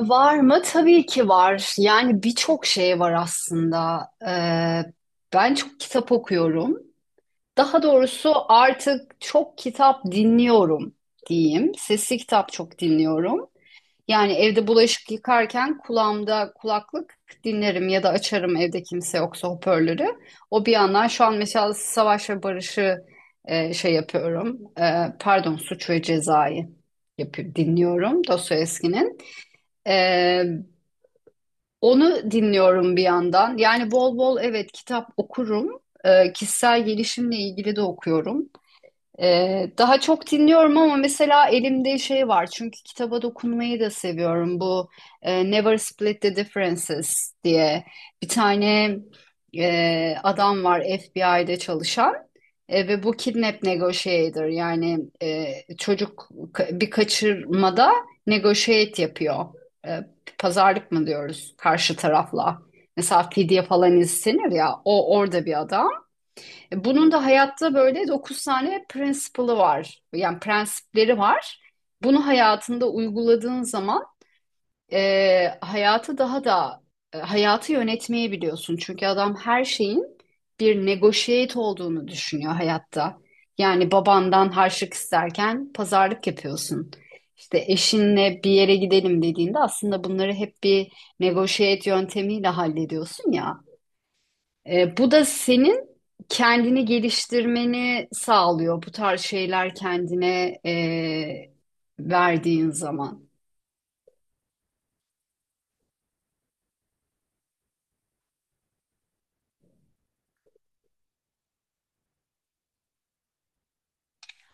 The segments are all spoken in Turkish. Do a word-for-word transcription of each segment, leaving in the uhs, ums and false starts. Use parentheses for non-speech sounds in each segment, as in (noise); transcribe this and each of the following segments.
Var mı? Tabii ki var. Yani birçok şey var aslında. Ee, ben çok kitap okuyorum. Daha doğrusu artık çok kitap dinliyorum diyeyim. Sesli kitap çok dinliyorum. Yani evde bulaşık yıkarken kulağımda kulaklık dinlerim ya da açarım evde kimse yoksa hoparlörü. O bir yandan şu an mesela Savaş ve Barış'ı e, şey yapıyorum. E, pardon Suç ve Ceza'yı yapıp dinliyorum Dostoyevski'nin. E, onu dinliyorum bir yandan. Yani bol bol evet kitap okurum. Ee, kişisel gelişimle ilgili de okuyorum. Ee, daha çok dinliyorum ama mesela elimde şey var çünkü kitaba dokunmayı da seviyorum bu e, Never Split the Differences diye bir tane e, adam var F B I'de çalışan e, ve bu kidnap negotiator yani e, çocuk ka- bir kaçırmada negotiate yapıyor. E, pazarlık mı diyoruz karşı tarafla mesela fidye falan istenir ya o orada bir adam. Bunun da hayatta böyle dokuz tane principle'ı var. Yani prensipleri var. Bunu hayatında uyguladığın zaman e, hayatı daha da e, hayatı yönetmeyi biliyorsun. Çünkü adam her şeyin bir negotiate olduğunu düşünüyor hayatta. Yani babandan harçlık isterken pazarlık yapıyorsun. İşte eşinle bir yere gidelim dediğinde aslında bunları hep bir negotiate yöntemiyle hallediyorsun ya. E, bu da senin kendini geliştirmeni sağlıyor bu tarz şeyler kendine e, verdiğin zaman.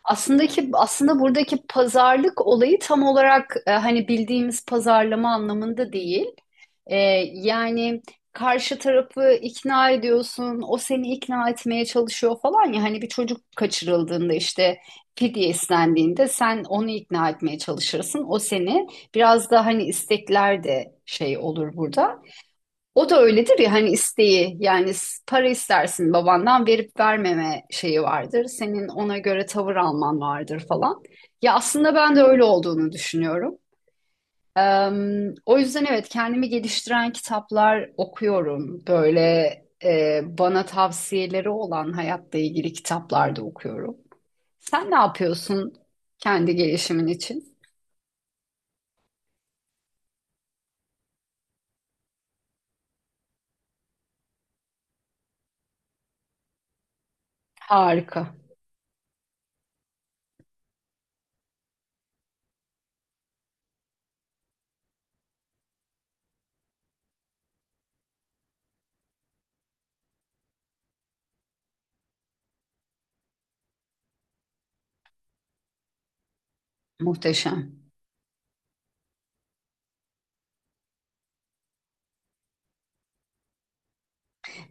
Aslında ki aslında buradaki pazarlık olayı tam olarak e, hani bildiğimiz pazarlama anlamında değil. E, yani karşı tarafı ikna ediyorsun, o seni ikna etmeye çalışıyor falan ya hani bir çocuk kaçırıldığında işte fidye istendiğinde sen onu ikna etmeye çalışırsın, o seni biraz da hani istekler de şey olur burada. O da öyledir ya hani isteği yani s- para istersin babandan verip vermeme şeyi vardır. Senin ona göre tavır alman vardır falan. Ya aslında ben de öyle olduğunu düşünüyorum. Eee, o yüzden evet kendimi geliştiren kitaplar okuyorum. Böyle eee, bana tavsiyeleri olan hayatla ilgili kitaplar da okuyorum. Sen ne yapıyorsun kendi gelişimin için? Harika, muhteşem.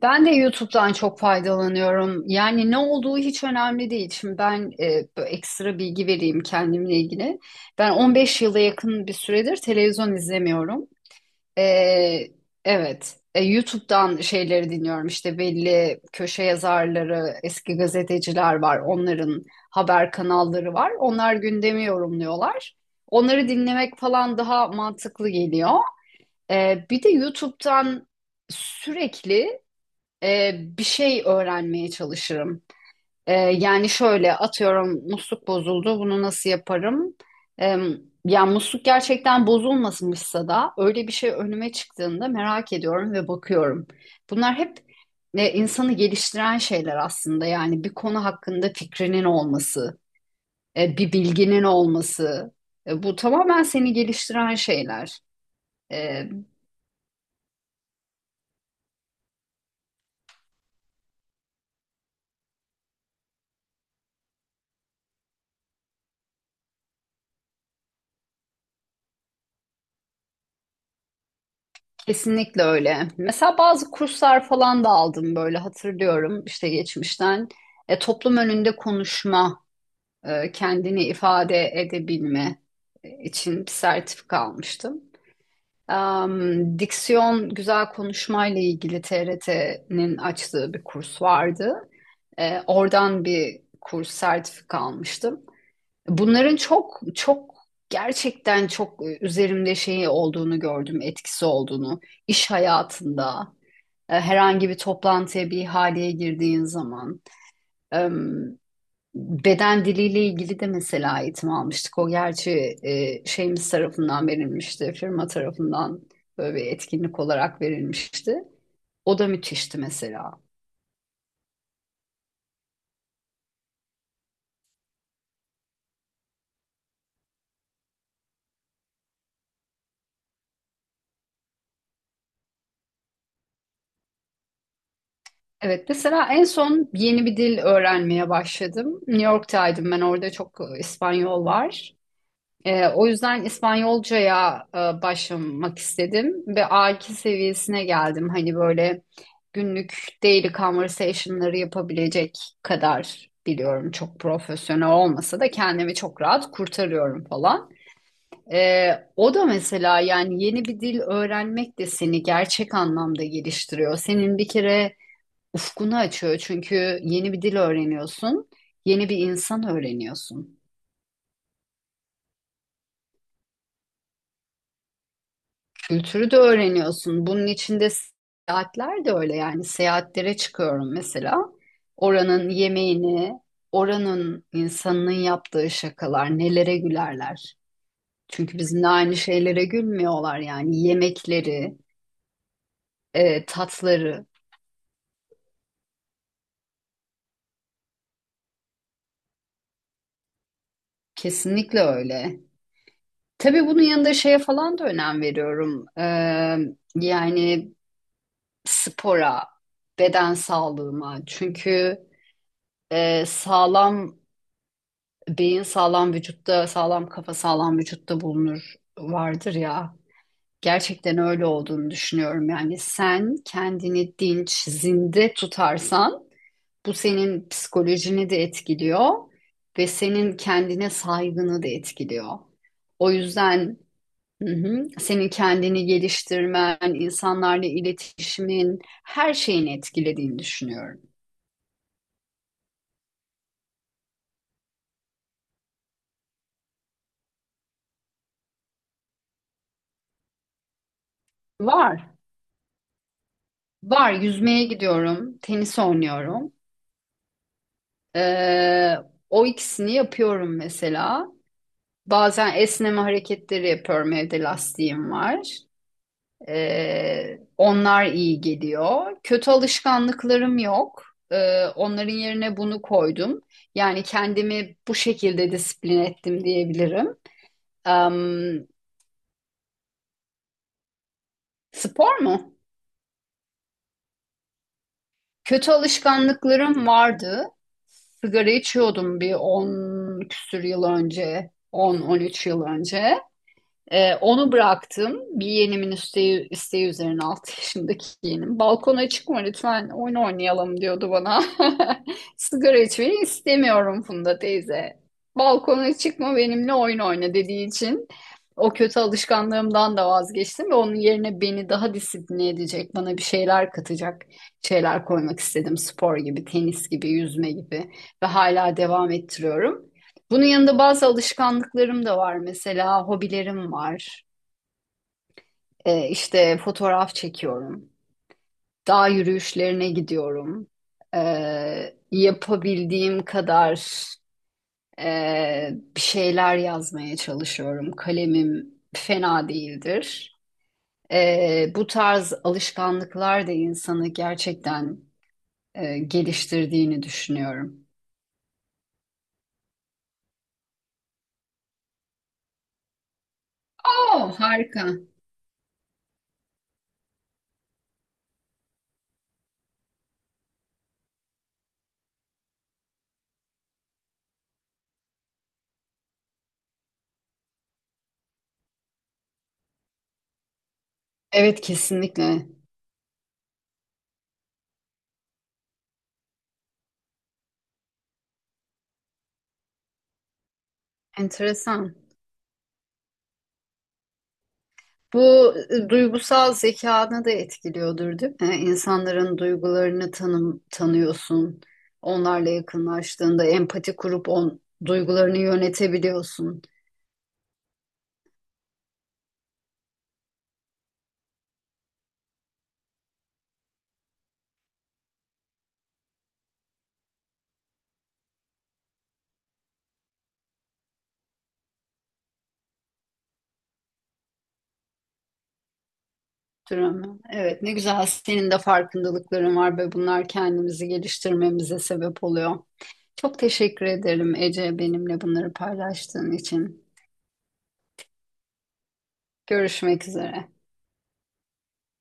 Ben de YouTube'dan çok faydalanıyorum. Yani ne olduğu hiç önemli değil. Şimdi ben e, böyle ekstra bilgi vereyim kendimle ilgili. Ben on beş yıla yakın bir süredir televizyon izlemiyorum. E, evet, E, YouTube'dan şeyleri dinliyorum. İşte belli köşe yazarları, eski gazeteciler var. Onların haber kanalları var. Onlar gündemi yorumluyorlar. Onları dinlemek falan daha mantıklı geliyor. E, bir de YouTube'dan sürekli e, bir şey öğrenmeye çalışırım. E, yani şöyle atıyorum musluk bozuldu bunu nasıl yaparım? E, yani musluk gerçekten bozulmamışsa da öyle bir şey önüme çıktığında merak ediyorum ve bakıyorum. Bunlar hep e, insanı geliştiren şeyler aslında yani bir konu hakkında fikrinin olması, e, bir bilginin olması. E, bu tamamen seni geliştiren şeyler. Kesinlikle öyle. Mesela bazı kurslar falan da aldım böyle hatırlıyorum işte geçmişten. E, toplum önünde konuşma, e, kendini ifade edebilme e, için bir sertifika almıştım. Am, diksiyon güzel konuşmayla ilgili T R T'nin açtığı bir kurs vardı. E, oradan bir kurs sertifika almıştım. Bunların çok çok gerçekten çok e, üzerimde şeyi olduğunu gördüm, etkisi olduğunu iş hayatında. E, herhangi bir toplantıya, bir ihaleye girdiğin zaman. E, beden diliyle ilgili de mesela eğitim almıştık. O gerçi e, şeyimiz tarafından verilmişti, firma tarafından böyle bir etkinlik olarak verilmişti. O da müthişti mesela. Evet, mesela en son yeni bir dil öğrenmeye başladım. New York'taydım ben, orada çok e, İspanyol var. Ee, o yüzden İspanyolcaya e, başlamak istedim ve A iki seviyesine geldim. Hani böyle günlük daily conversation'ları yapabilecek kadar biliyorum. Çok profesyonel olmasa da kendimi çok rahat kurtarıyorum falan. Ee, o da mesela yani yeni bir dil öğrenmek de seni gerçek anlamda geliştiriyor. Senin bir kere ufkunu açıyor çünkü yeni bir dil öğreniyorsun, yeni bir insan öğreniyorsun. Kültürü de öğreniyorsun. Bunun içinde seyahatler de öyle yani seyahatlere çıkıyorum mesela. Oranın yemeğini, oranın insanının yaptığı şakalar, nelere gülerler. Çünkü bizimle aynı şeylere gülmüyorlar yani yemekleri, e, tatları kesinlikle öyle. Tabii bunun yanında şeye falan da önem veriyorum. Ee, yani spora, beden sağlığıma. Çünkü e, sağlam beyin sağlam vücutta, sağlam kafa sağlam vücutta bulunur vardır ya. Gerçekten öyle olduğunu düşünüyorum. Yani sen kendini dinç, zinde tutarsan bu senin psikolojini de etkiliyor ve senin kendine saygını da etkiliyor. O yüzden, hı hı, senin kendini geliştirmen, insanlarla iletişimin, her şeyini etkilediğini düşünüyorum. Var. Var. Yüzmeye gidiyorum, tenis oynuyorum. Ee, o ikisini yapıyorum mesela. Bazen esneme hareketleri yapıyorum. Evde lastiğim var. Ee, onlar iyi geliyor. Kötü alışkanlıklarım yok. Ee, onların yerine bunu koydum. Yani kendimi bu şekilde disiplin ettim diyebilirim. Em, spor mu? Kötü alışkanlıklarım vardı. Sigara içiyordum bir on küsür yıl önce, on, on üç yıl önce. Ee, onu bıraktım. Bir yeğenimin isteği, isteği üzerine altı (laughs) yaşındaki yeğenim. Balkona çıkma lütfen oyun oynayalım diyordu bana. (laughs) Sigara içmeyi istemiyorum Funda teyze. Balkona çıkma benimle oyun oyna dediği için o kötü alışkanlığımdan da vazgeçtim ve onun yerine beni daha disipline edecek, bana bir şeyler katacak şeyler koymak istedim. Spor gibi, tenis gibi, yüzme gibi ve hala devam ettiriyorum. Bunun yanında bazı alışkanlıklarım da var. Mesela hobilerim var. Ee, işte fotoğraf çekiyorum. Dağ yürüyüşlerine gidiyorum. Ee, yapabildiğim kadar e, bir şeyler yazmaya çalışıyorum. Kalemim fena değildir. Ee, bu tarz alışkanlıklar da insanı gerçekten e, geliştirdiğini düşünüyorum. Oo, harika. Evet, kesinlikle. Enteresan. Bu e, duygusal zekanı da etkiliyordur, değil mi? Yani İnsanların duygularını tanım, tanıyorsun. Onlarla yakınlaştığında empati kurup on, duygularını yönetebiliyorsun. Dramı. Evet, ne güzel senin de farkındalıkların var ve bunlar kendimizi geliştirmemize sebep oluyor. Çok teşekkür ederim Ece benimle bunları paylaştığın için. Görüşmek üzere.